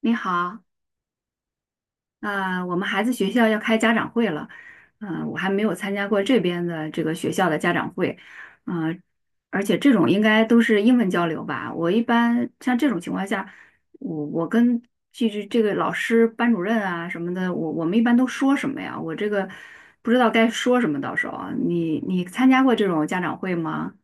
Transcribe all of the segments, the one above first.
你好，我们孩子学校要开家长会了。嗯，我还没有参加过这边的这个学校的家长会。嗯，而且这种应该都是英文交流吧？我一般像这种情况下，我跟这个老师、班主任啊什么的，我们一般都说什么呀？我这个不知道该说什么，到时候啊你参加过这种家长会吗？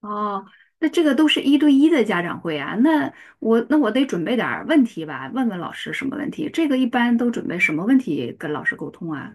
哦，那这个都是一对一的家长会啊。那我得准备点儿问题吧，问问老师什么问题？这个一般都准备什么问题跟老师沟通啊？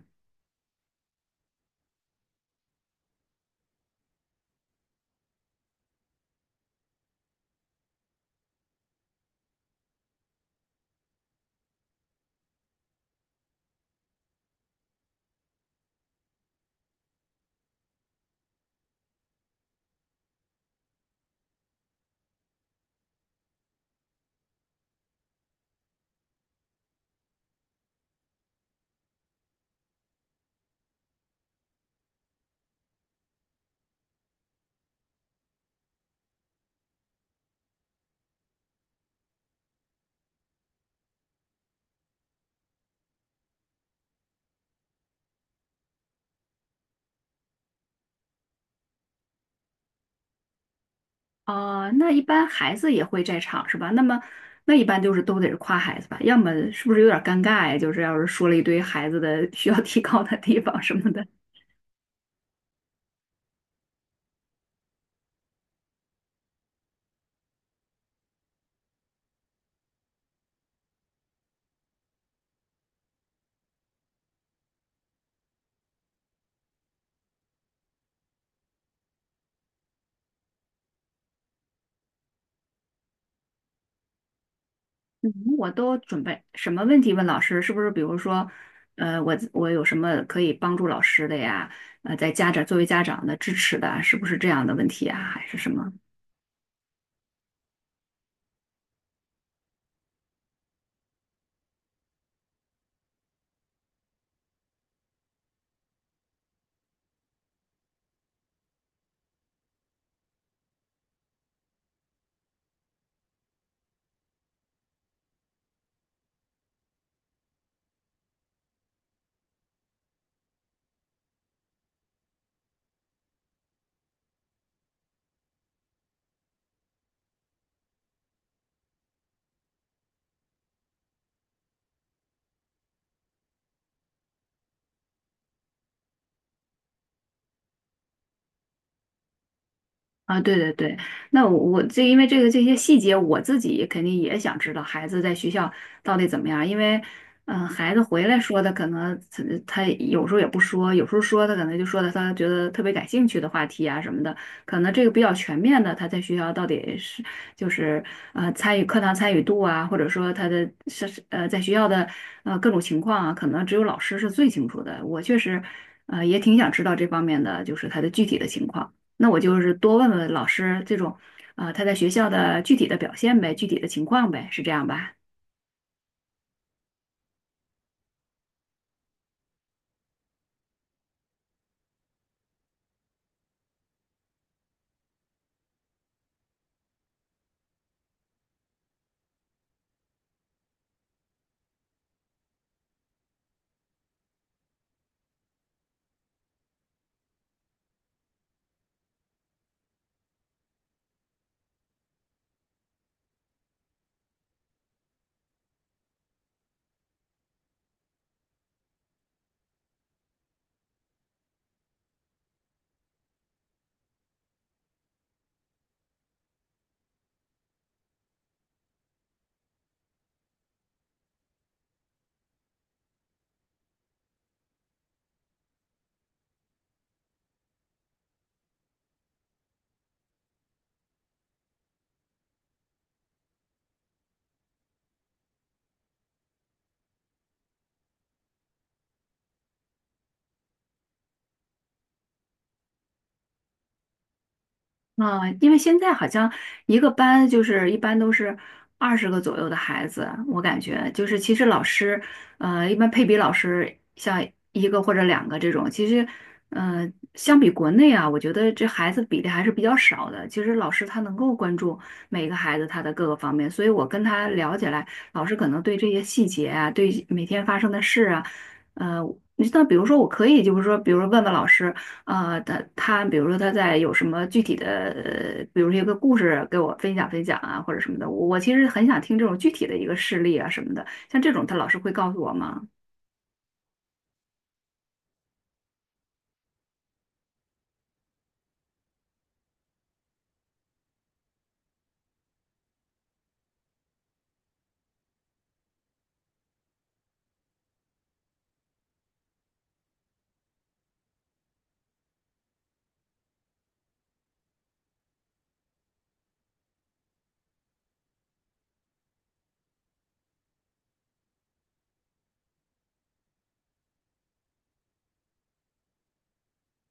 哦，那一般孩子也会在场是吧？那么那一般就是都得是夸孩子吧，要么是不是有点儿尴尬呀？就是要是说了一堆孩子的需要提高的地方什么的。嗯，我都准备什么问题问老师？是不是比如说，我我有什么可以帮助老师的呀？呃，在家长作为家长的支持的啊是不是这样的问题啊？还是什么？啊，对对对。那我这因为这个这些细节，我自己肯定也想知道孩子在学校到底怎么样。因为嗯、孩子回来说的可能他有时候也不说，有时候说他可能就说的他觉得特别感兴趣的话题啊什么的。可能这个比较全面的，他在学校到底是就是参与课堂参与度啊，或者说他的是在学校的各种情况啊，可能只有老师是最清楚的。我确实也挺想知道这方面的，就是他的具体的情况。那我就是多问问老师这种，啊、他在学校的具体的表现呗，具体的情况呗，是这样吧？啊，因为现在好像一个班就是一般都是20个左右的孩子。我感觉就是其实老师，一般配比老师像一个或者两个这种。其实呃，相比国内啊，我觉得这孩子比例还是比较少的。其实老师他能够关注每个孩子他的各个方面，所以我跟他聊起来，老师可能对这些细节啊，对每天发生的事啊，呃，你像比如说我可以就是说，比如说问问老师。啊，他比如说他在有什么具体的，比如说一个故事给我分享分享啊，或者什么的，我其实很想听这种具体的一个事例啊什么的，像这种他老师会告诉我吗？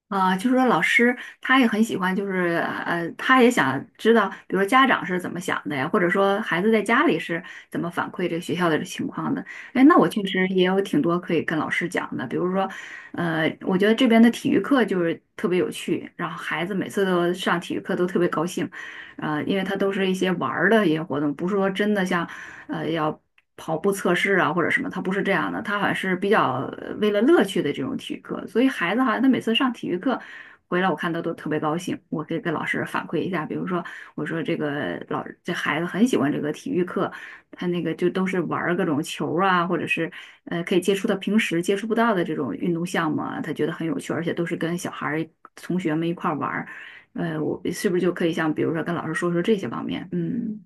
啊，就是说老师他也很喜欢，就是他也想知道，比如说家长是怎么想的呀，或者说孩子在家里是怎么反馈这个学校的情况的。哎，那我确实也有挺多可以跟老师讲的。比如说我觉得这边的体育课就是特别有趣，然后孩子每次都上体育课都特别高兴。呃，因为它都是一些玩儿的一些活动，不是说真的像要跑步测试啊或者什么。它不是这样的，它好像是比较为了乐趣的这种体育课，所以孩子好像他每次上体育课。回来我看他都特别高兴。我可以跟老师反馈一下，比如说我说这个老这孩子很喜欢这个体育课，他那个就都是玩儿各种球儿啊，或者是可以接触到平时接触不到的这种运动项目啊，他觉得很有趣，而且都是跟小孩儿同学们一块儿玩儿。呃，我是不是就可以像比如说跟老师说说这些方面？嗯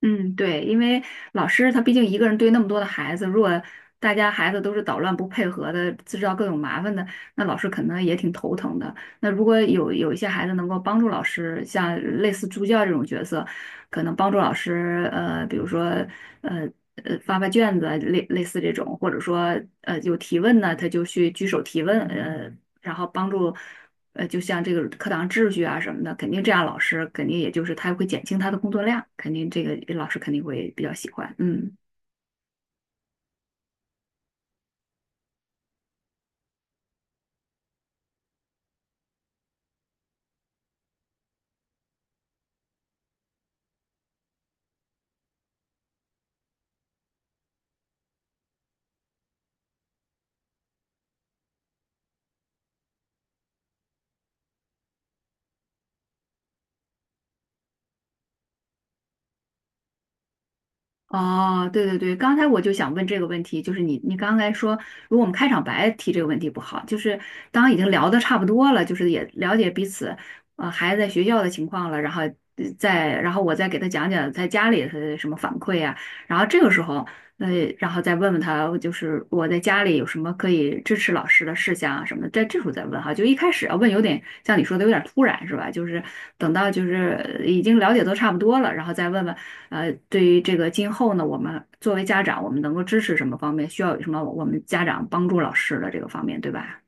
嗯，对。因为老师他毕竟一个人对那么多的孩子，如果大家孩子都是捣乱不配合的，制造各种麻烦的，那老师可能也挺头疼的。那如果有一些孩子能够帮助老师，像类似助教这种角色，可能帮助老师，呃，比如说呃发发卷子啊，类似这种，或者说有提问呢，他就去举手提问，呃，然后帮助。呃，就像这个课堂秩序啊什么的，肯定这样老师肯定也就是他会减轻他的工作量，肯定这个老师肯定会比较喜欢。嗯。哦，对对对，刚才我就想问这个问题。就是你刚才说，如果我们开场白提这个问题不好，就是当已经聊的差不多了，就是也了解彼此，孩子在学校的情况了。然后再然后我再给他讲讲在家里是什么反馈啊，然后这个时候，呃，然后再问问他，就是我在家里有什么可以支持老师的事项啊什么的。在这时候再问哈，就一开始要问有点像你说的有点突然是吧？就是等到就是已经了解都差不多了，然后再问问。呃，对于这个今后呢，我们作为家长，我们能够支持什么方面，需要有什么我们家长帮助老师的这个方面，对吧？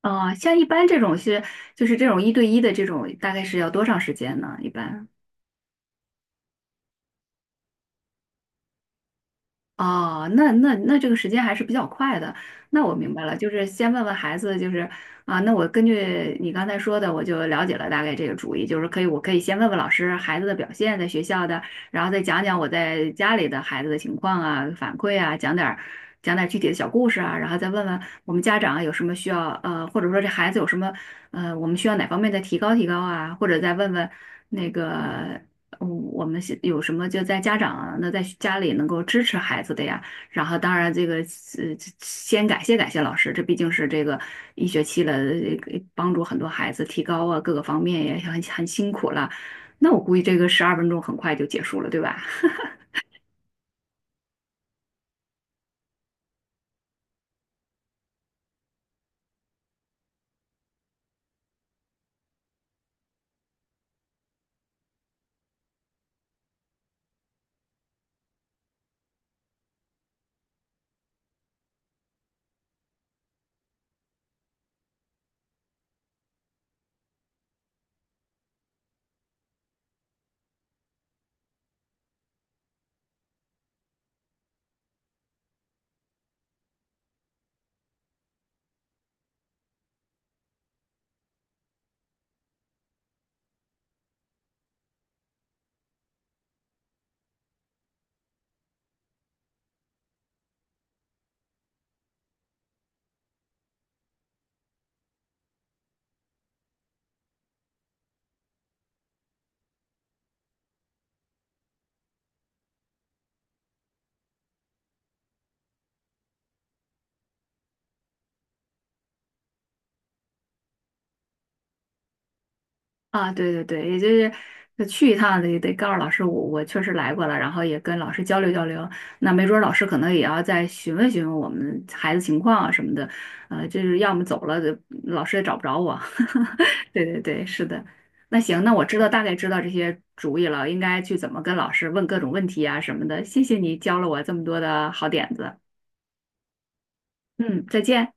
啊、像一般这种是就是这种一对一的这种，大概是要多长时间呢？一般？哦，那这个时间还是比较快的。那我明白了，就是先问问孩子，就是啊，那我根据你刚才说的，我就了解了大概这个主意。就是可以，我可以先问问老师孩子的表现，在学校的。然后再讲讲我在家里的孩子的情况啊，反馈啊，讲点儿具体的小故事啊。然后再问问我们家长有什么需要，或者说这孩子有什么，我们需要哪方面的提高提高啊，或者再问问那个。嗯，我们现有什么就在家长啊那在家里能够支持孩子的呀。然后，当然这个先感谢感谢老师，这毕竟是这个一学期了，帮助很多孩子提高啊，各个方面也很很辛苦了。那我估计这个12分钟很快就结束了，对吧？啊，对对对，也就是就去一趟得告诉老师我，我确实来过了，然后也跟老师交流交流。那没准儿老师可能也要再询问询问我们孩子情况啊什么的。就是要么走了，老师也找不着我。对对对，是的。那行，那我知道大概知道这些主意了，应该去怎么跟老师问各种问题啊什么的。谢谢你教了我这么多的好点子。嗯，再见。